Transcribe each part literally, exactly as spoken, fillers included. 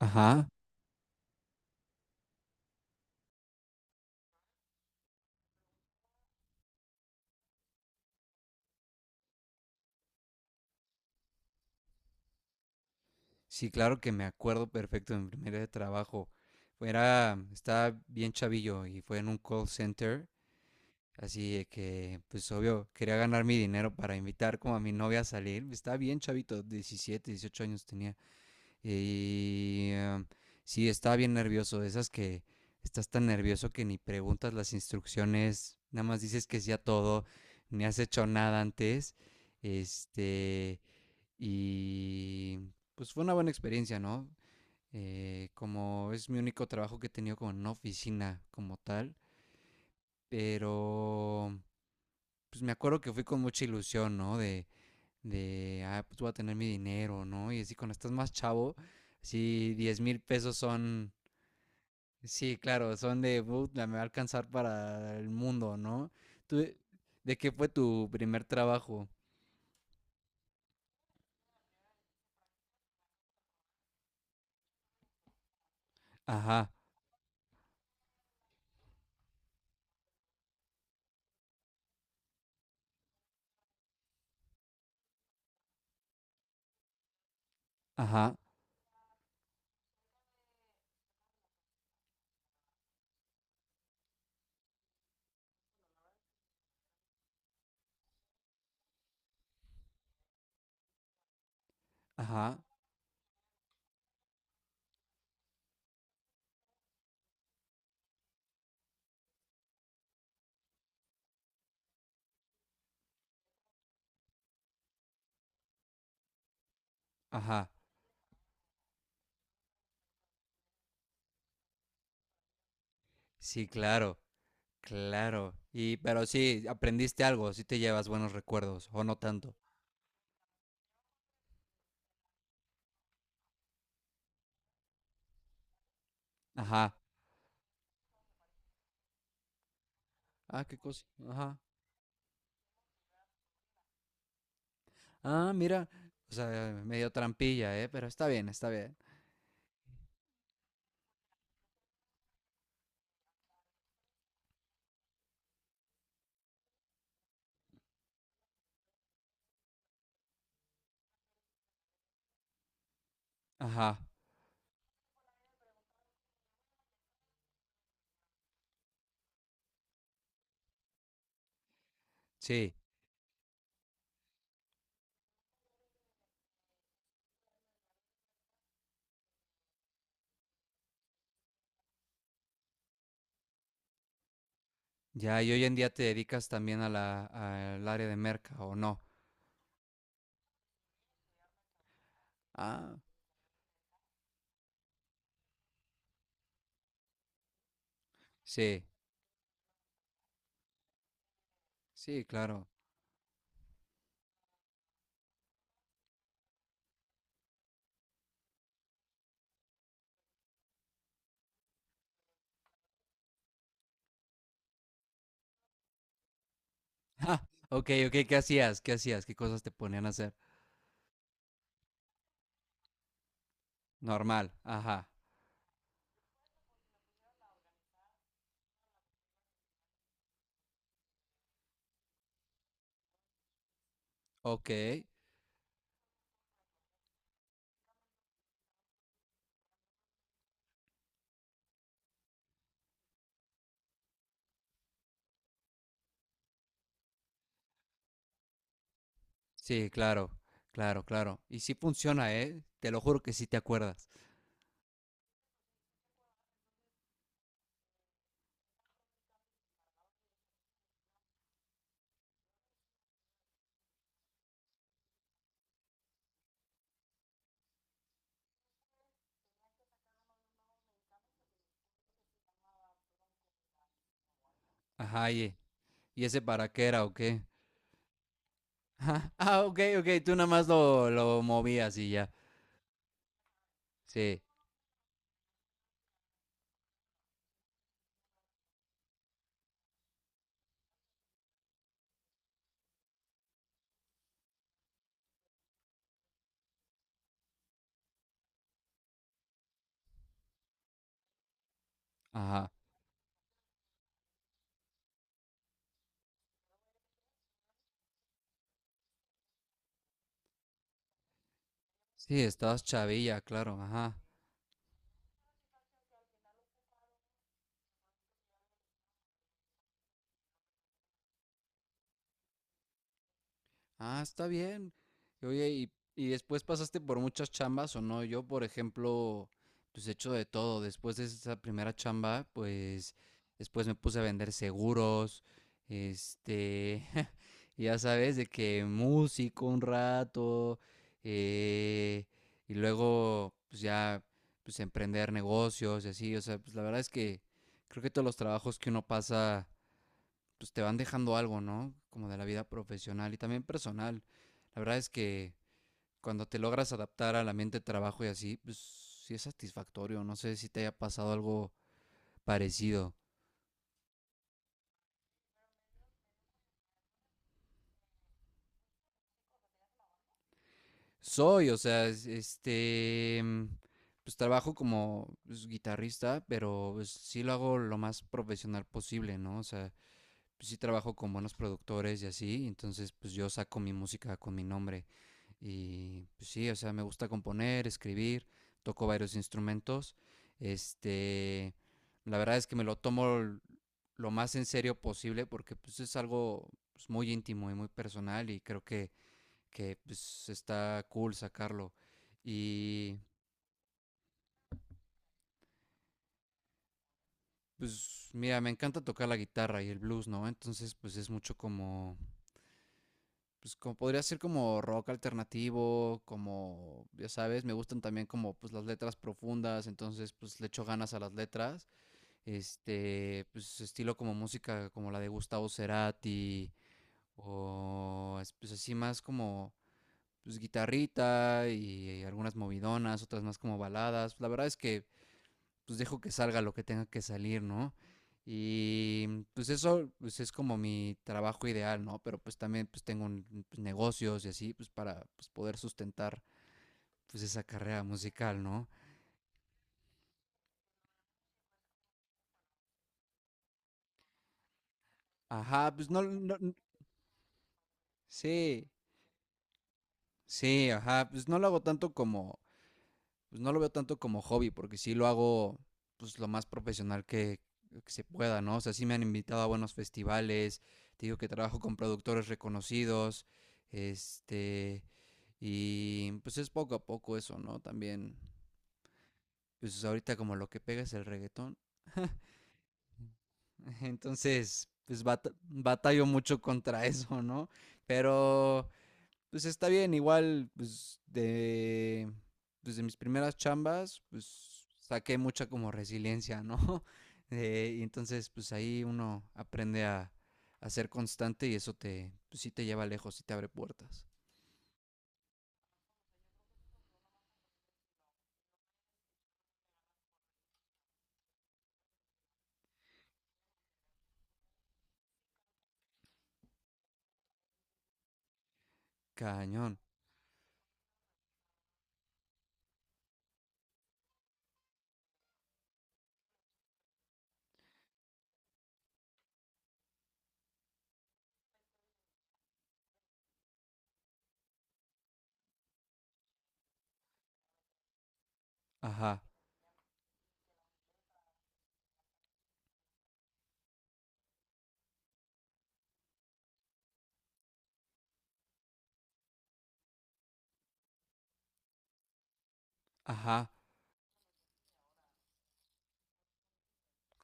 Ajá. Sí, claro que me acuerdo perfecto de mi primer día de trabajo. Era, estaba bien chavillo y fue en un call center, así de que, pues obvio, quería ganar mi dinero para invitar como a mi novia a salir. Estaba bien chavito, diecisiete, dieciocho años tenía. Y em, sí, estaba bien nervioso, de esas que estás tan nervioso que ni preguntas las instrucciones, nada más dices que sí a todo, ni has hecho nada antes. Este, Y pues fue una buena experiencia, ¿no? Eh, como es mi único trabajo que he tenido como en una oficina como tal, pero pues me acuerdo que fui con mucha ilusión, ¿no? De, de, ah, pues voy a tener mi dinero, ¿no? Y así cuando estás más chavo, así diez mil pesos son, sí, claro, son de, puta, me va a alcanzar para el mundo, ¿no? ¿Tú, de qué fue tu primer trabajo? Ajá, ajá, ajá, ajá, sí, claro. Claro. Y, pero sí, aprendiste algo, sí te llevas buenos recuerdos, o no tanto. Ajá. Ah, qué cosa. Ajá. Ah, mira. O sea, medio trampilla, ¿eh? Pero está bien, está bien. Ajá. Sí. Ya, y hoy en día te dedicas también a la, al área de merca, ¿o no? Ah, sí. Sí, claro. Ah, ok, ok. ¿Qué hacías? ¿Qué hacías? ¿Qué cosas te ponían a hacer? Normal. Ajá. Ok. Sí, claro. Claro, claro. Y sí funciona, ¿eh? Te lo juro que sí te acuerdas. Ajá, ¿y, y ese para qué era o qué? Ajá, ah, ok, ok, tú nada más lo, lo movías y ya. Sí, ajá. Sí, estabas chavilla, claro, ajá. Ah, está bien. Y oye, ¿y, y después pasaste por muchas chambas o no? Yo, por ejemplo, pues he hecho de todo. Después de esa primera chamba, pues después me puse a vender seguros, este, ya sabes, de que músico un rato, eh, y luego, pues ya, pues emprender negocios y así. O sea, pues la verdad es que creo que todos los trabajos que uno pasa pues te van dejando algo, ¿no? Como de la vida profesional y también personal. La verdad es que cuando te logras adaptar al ambiente de trabajo y así, pues sí es satisfactorio. No sé si te haya pasado algo parecido. Soy, o sea, es- este, mm, pues trabajo como pues, guitarrista, pero pues, sí lo hago lo más profesional posible, ¿no? O sea, pues, sí trabajo con buenos productores y así, entonces pues yo saco mi música con mi nombre. Y pues sí, o sea, me gusta componer, escribir, toco varios instrumentos. Este, la verdad es que me lo tomo l- lo más en serio posible porque pues es algo pues, muy íntimo y muy personal y creo que, que pues está cool sacarlo. Y pues mira, me encanta tocar la guitarra y el blues, ¿no? Entonces pues es mucho como pues como podría ser como rock alternativo, como, ya sabes, me gustan también como pues las letras profundas, entonces pues le echo ganas a las letras, este, pues estilo como música como la de Gustavo Cerati, o es- pues así más como pues guitarrita y algunas movidonas, otras más como baladas, la verdad es que pues dejo que salga lo que tenga que salir, ¿no? Y mm, pues eso pues es como mi trabajo ideal, ¿no? Pero pues también pues tengo un- pues, negocios y así, pues para pues, poder sustentar pues esa carrera musical, ¿no? Ajá, pues no, no- n- sí, sí, ajá, pues no lo hago tanto como pues no lo veo tanto como hobby, porque sí lo hago pues lo más profesional que, que se pueda, ¿no? O sea, sí me han invitado a buenos festivales, te digo que trabajo con productores reconocidos, este, y pues es poco a poco eso, ¿no? También, pues ahorita como lo que pega es el reggaetón, entonces, pues bat- batallo mucho contra eso, ¿no? Pero pues está bien, igual, pues de, pues, de mis primeras chambas, pues saqué mucha como resiliencia, ¿no? Eh, y entonces, pues ahí uno aprende a, a ser constante y eso te, pues, sí te lleva lejos sí te abre puertas. Cañón. Ajá, ajá.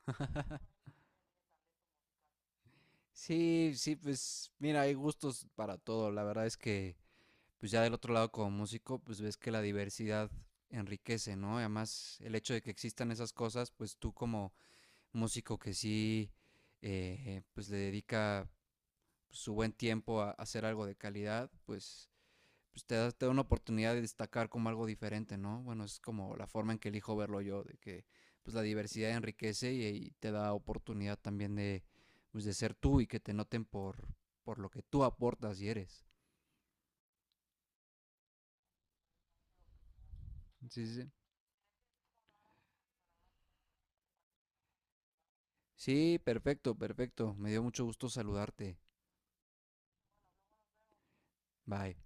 Sí, sí, pues mira, hay gustos para todo. La verdad es que, pues ya del otro lado como músico, pues ves que la diversidad enriquece, ¿no? Y además, el hecho de que existan esas cosas, pues tú como músico que sí, eh, pues le dedica su buen tiempo a hacer algo de calidad, pues, pues te, da, te da una oportunidad de destacar como algo diferente, ¿no? Bueno, es como la forma en que elijo verlo yo, de que pues la diversidad enriquece y, y te da oportunidad también de, pues, de ser tú y que te noten por, por lo que tú aportas y eres. Sí, sí, sí. Sí, perfecto, perfecto. Me dio mucho gusto saludarte. Bye.